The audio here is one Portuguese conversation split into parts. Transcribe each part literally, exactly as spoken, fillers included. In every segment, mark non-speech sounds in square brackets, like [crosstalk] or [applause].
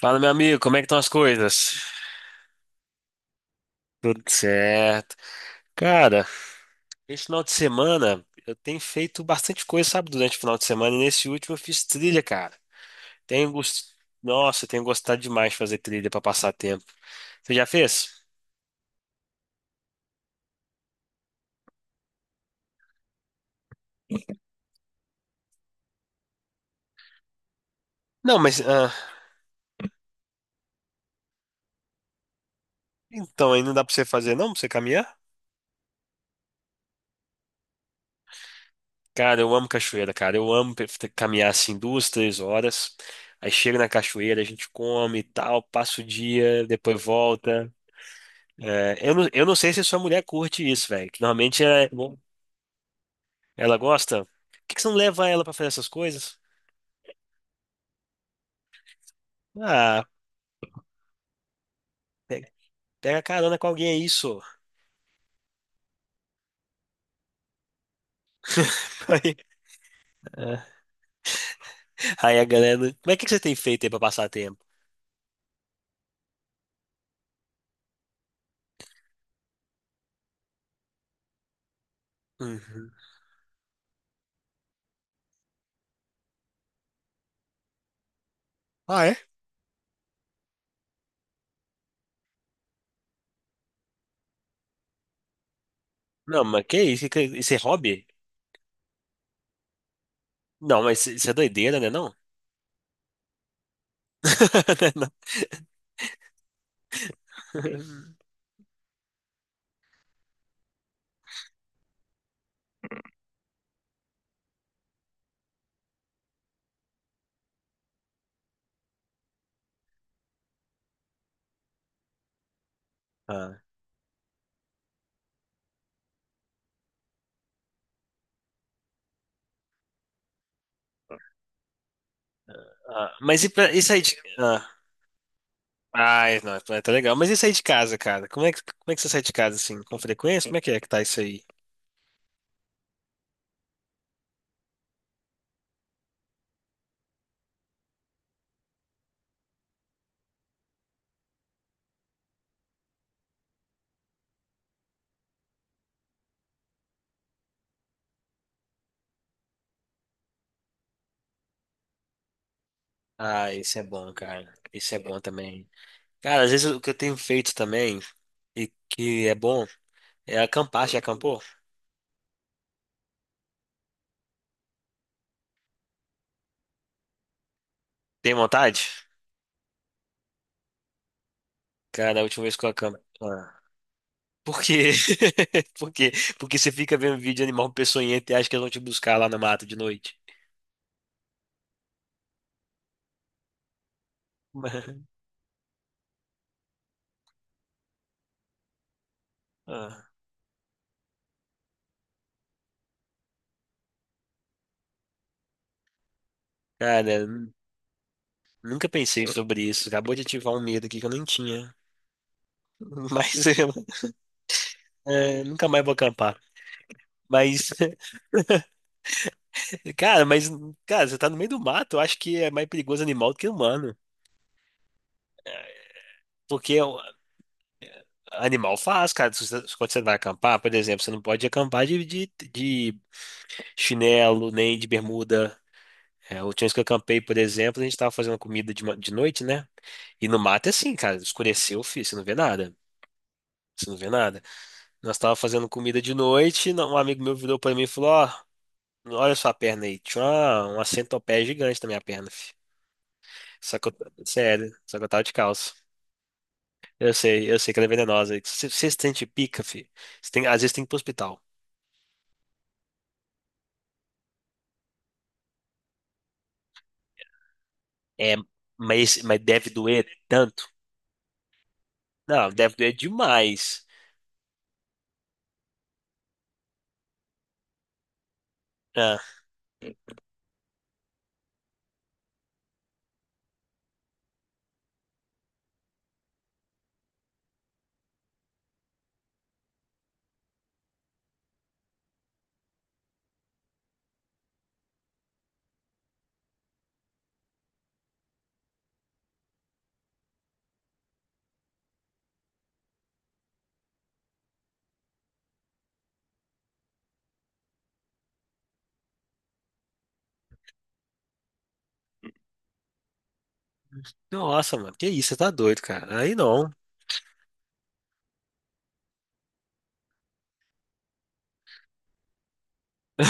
Fala, meu amigo, como é que estão as coisas? Tudo certo. Cara, esse final de semana eu tenho feito bastante coisa, sabe, durante o final de semana, e nesse último eu fiz trilha, cara. Tenho gost... Nossa, eu tenho gostado demais de fazer trilha pra passar tempo. Você já fez? Não, mas ah, então aí não dá pra você fazer, não? Pra você caminhar? Cara, eu amo cachoeira, cara. Eu amo pe- te- caminhar assim duas, três horas. Aí chega na cachoeira, a gente come e tal, passa o dia, depois volta. É, eu não, eu não sei se sua mulher curte isso, velho. Que normalmente é. Ela gosta. Por que que você não leva ela pra fazer essas coisas? Ah, pega, pega carona com alguém, é isso. [laughs] Aí, é, aí a galera, né. Mas o que que você tem feito aí pra passar tempo? Uhum. Ah, é? Não, mas que isso? Que- Isso é hobby? Não, mas isso é doideira, né? Não? [laughs] Não. Ah, ah, mas e pra, isso aí de. Ah, ai, não, é, tá legal. Mas isso aí de casa, cara? Como é que, como é que você sai de casa assim? Com frequência? Como é que é que tá isso aí? Ah, isso é bom, cara. Isso é bom também. Cara, às vezes o que eu tenho feito também, e que é bom, é acampar. Já acampou? Tem vontade? Cara, a última vez que eu acampei. Ah. Por quê? [laughs] Por quê? Porque você fica vendo vídeo de animal peçonhento e acha que eles vão te buscar lá na mata de noite. [laughs] Ah. Cara, n- nunca pensei sobre isso. Acabou de ativar um medo aqui que eu nem tinha. [laughs] Mas eu, é, nunca mais vou acampar. Mas cara, mas, cara, você tá no meio do mato, eu acho que é mais perigoso animal do que humano. Porque o animal faz, cara. Se você- Quando você vai acampar, por exemplo, você não pode acampar de, de, de chinelo, nem de bermuda. É, a última vez que eu acampei, por exemplo, a gente tava fazendo comida de, ma- de noite, né? E no mato é assim, cara, escureceu, filho, você não vê nada. Você não vê nada. Nós tava fazendo comida de noite, não- um amigo meu virou pra mim e falou, ó, olha sua perna aí. Tinha uma, uma centopeia gigante na minha perna, filho. Só que eu, sério, só que eu tava de calça. Eu sei, eu sei que ela é venenosa. Se você sente pica, fi, você tem, às vezes tem que ir pro hospital. É, mas, mas deve doer tanto? Não, deve doer demais. Ah, nossa, mano, que isso, você tá doido, cara. Aí não. [laughs]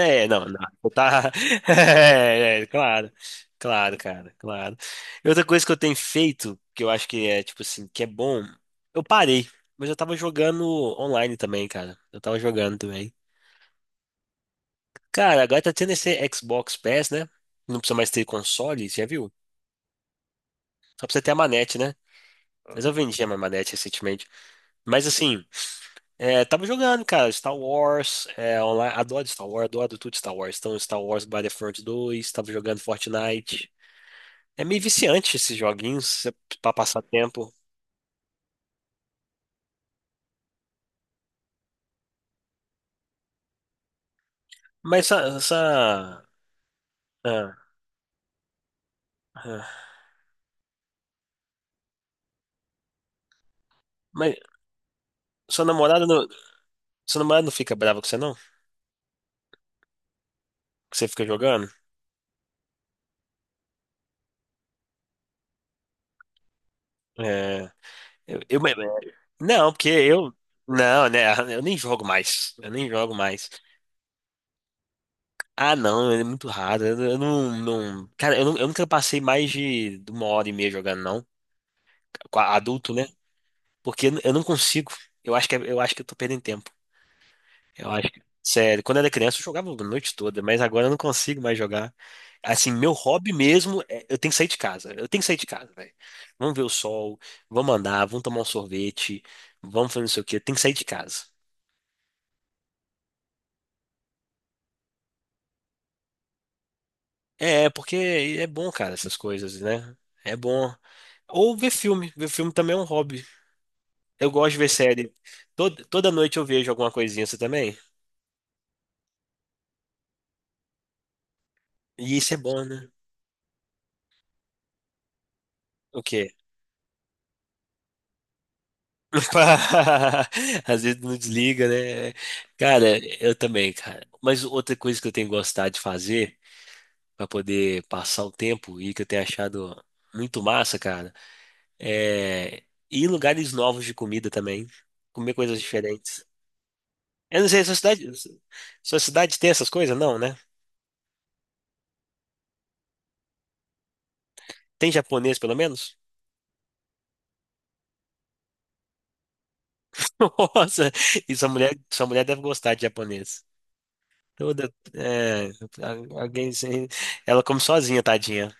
É, não, não. Você tá. [laughs] É, é, claro, claro, cara, claro. E outra coisa que eu tenho feito, que eu acho que é, tipo assim, que é bom, eu parei, mas eu tava jogando online também, cara. Eu tava jogando também. Cara, agora tá tendo esse Xbox Pass, né? Não precisa mais ter console, já viu? Só precisa ter a manete, né? Mas eu vendi a minha manete recentemente. Mas assim, é, tava jogando, cara, Star Wars, é, online. Adoro Star Wars, adoro tudo Star Wars. Então, Star Wars Battlefront dois tava jogando Fortnite. É meio viciante esses joguinhos é pra passar tempo. Mas essa, essa- ah, ah. Mas sua namorada não, sua namorada não fica brava com você, não? Que você fica jogando? É. Eu, eu- não, porque eu. Não, né? Eu nem jogo mais. Eu nem jogo mais. Ah, não, é muito raro. Eu, eu não, não. Cara, eu, não- eu nunca passei mais de uma hora e meia jogando, não. Com a- Adulto, né? Porque eu, não eu não consigo. Eu acho que, é- eu acho que eu tô perdendo tempo. Eu acho que. Sério, quando eu era criança eu jogava a noite toda, mas agora eu não consigo mais jogar. Assim, meu hobby mesmo é eu tenho que sair de casa. Eu tenho que sair de casa, velho. Vamos ver o sol, vamos andar, vamos tomar um sorvete, vamos fazer não sei o quê. Eu tenho que sair de casa. É, porque é bom, cara, essas coisas, né? É bom. Ou ver filme. Ver filme também é um hobby. Eu gosto de ver série. Toda, toda noite eu vejo alguma coisinha, você também? E isso é bom, né? O quê? [laughs] Às vezes não desliga, né? Cara, eu também, cara. Mas outra coisa que eu tenho gostado de fazer pra poder passar o tempo e que eu tenho achado muito massa, cara, é ir em lugares novos de comida também. Comer coisas diferentes. Eu não sei, sua cidade, sua cidade tem essas coisas? Não, né? Tem japonês, pelo menos? [laughs] Nossa, e sua mulher, sua mulher deve gostar de japonês. Toda, é, a- alguém, sem- ela come sozinha, tadinha.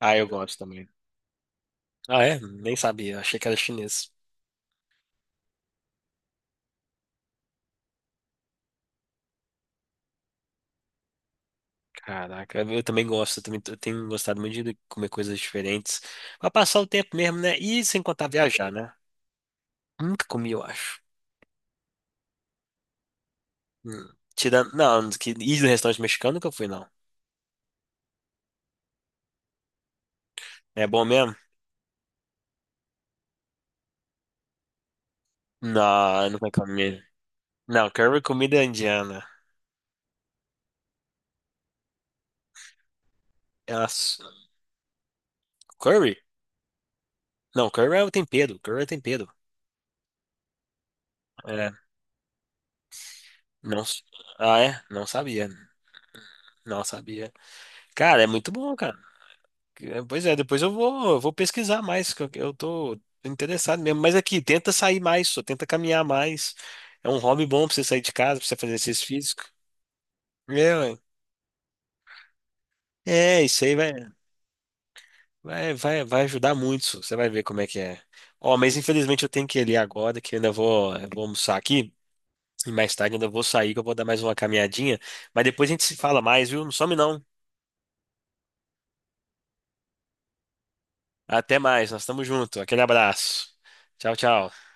Ah, eu gosto também. Ah, é? Nem sabia, achei que era chinês. Caraca, eu também gosto, eu também t- tenho gostado muito de comer coisas diferentes. Pra passar o tempo mesmo, né? E sem contar viajar, né? Nunca comi, eu acho. Hum. Tirando, não, que ir no restaurante mexicano nunca fui, não. É bom mesmo? Não, não vai comer. Não, curry é comida indiana. Elas. Curry? Não, curry é o tempero. Curry é o tempero. É, não. s- Ah, é? Não sabia. Não sabia. Cara, é muito bom, cara. É, pois é, depois eu vou, eu vou pesquisar mais, que eu eu tô interessado mesmo. Mas aqui, tenta sair mais, só tenta caminhar mais. É um hobby bom pra você sair de casa, pra você fazer exercício físico. É, ué. É, isso aí vai. Vai, vai, vai ajudar muito. Você vai ver como é que é. Ó, mas infelizmente eu tenho que ir ali agora, que eu ainda vou, eu vou almoçar aqui. E mais tarde ainda vou sair, que eu vou dar mais uma caminhadinha. Mas depois a gente se fala mais, viu? Não some não. Até mais, nós estamos juntos. Aquele abraço. Tchau, tchau.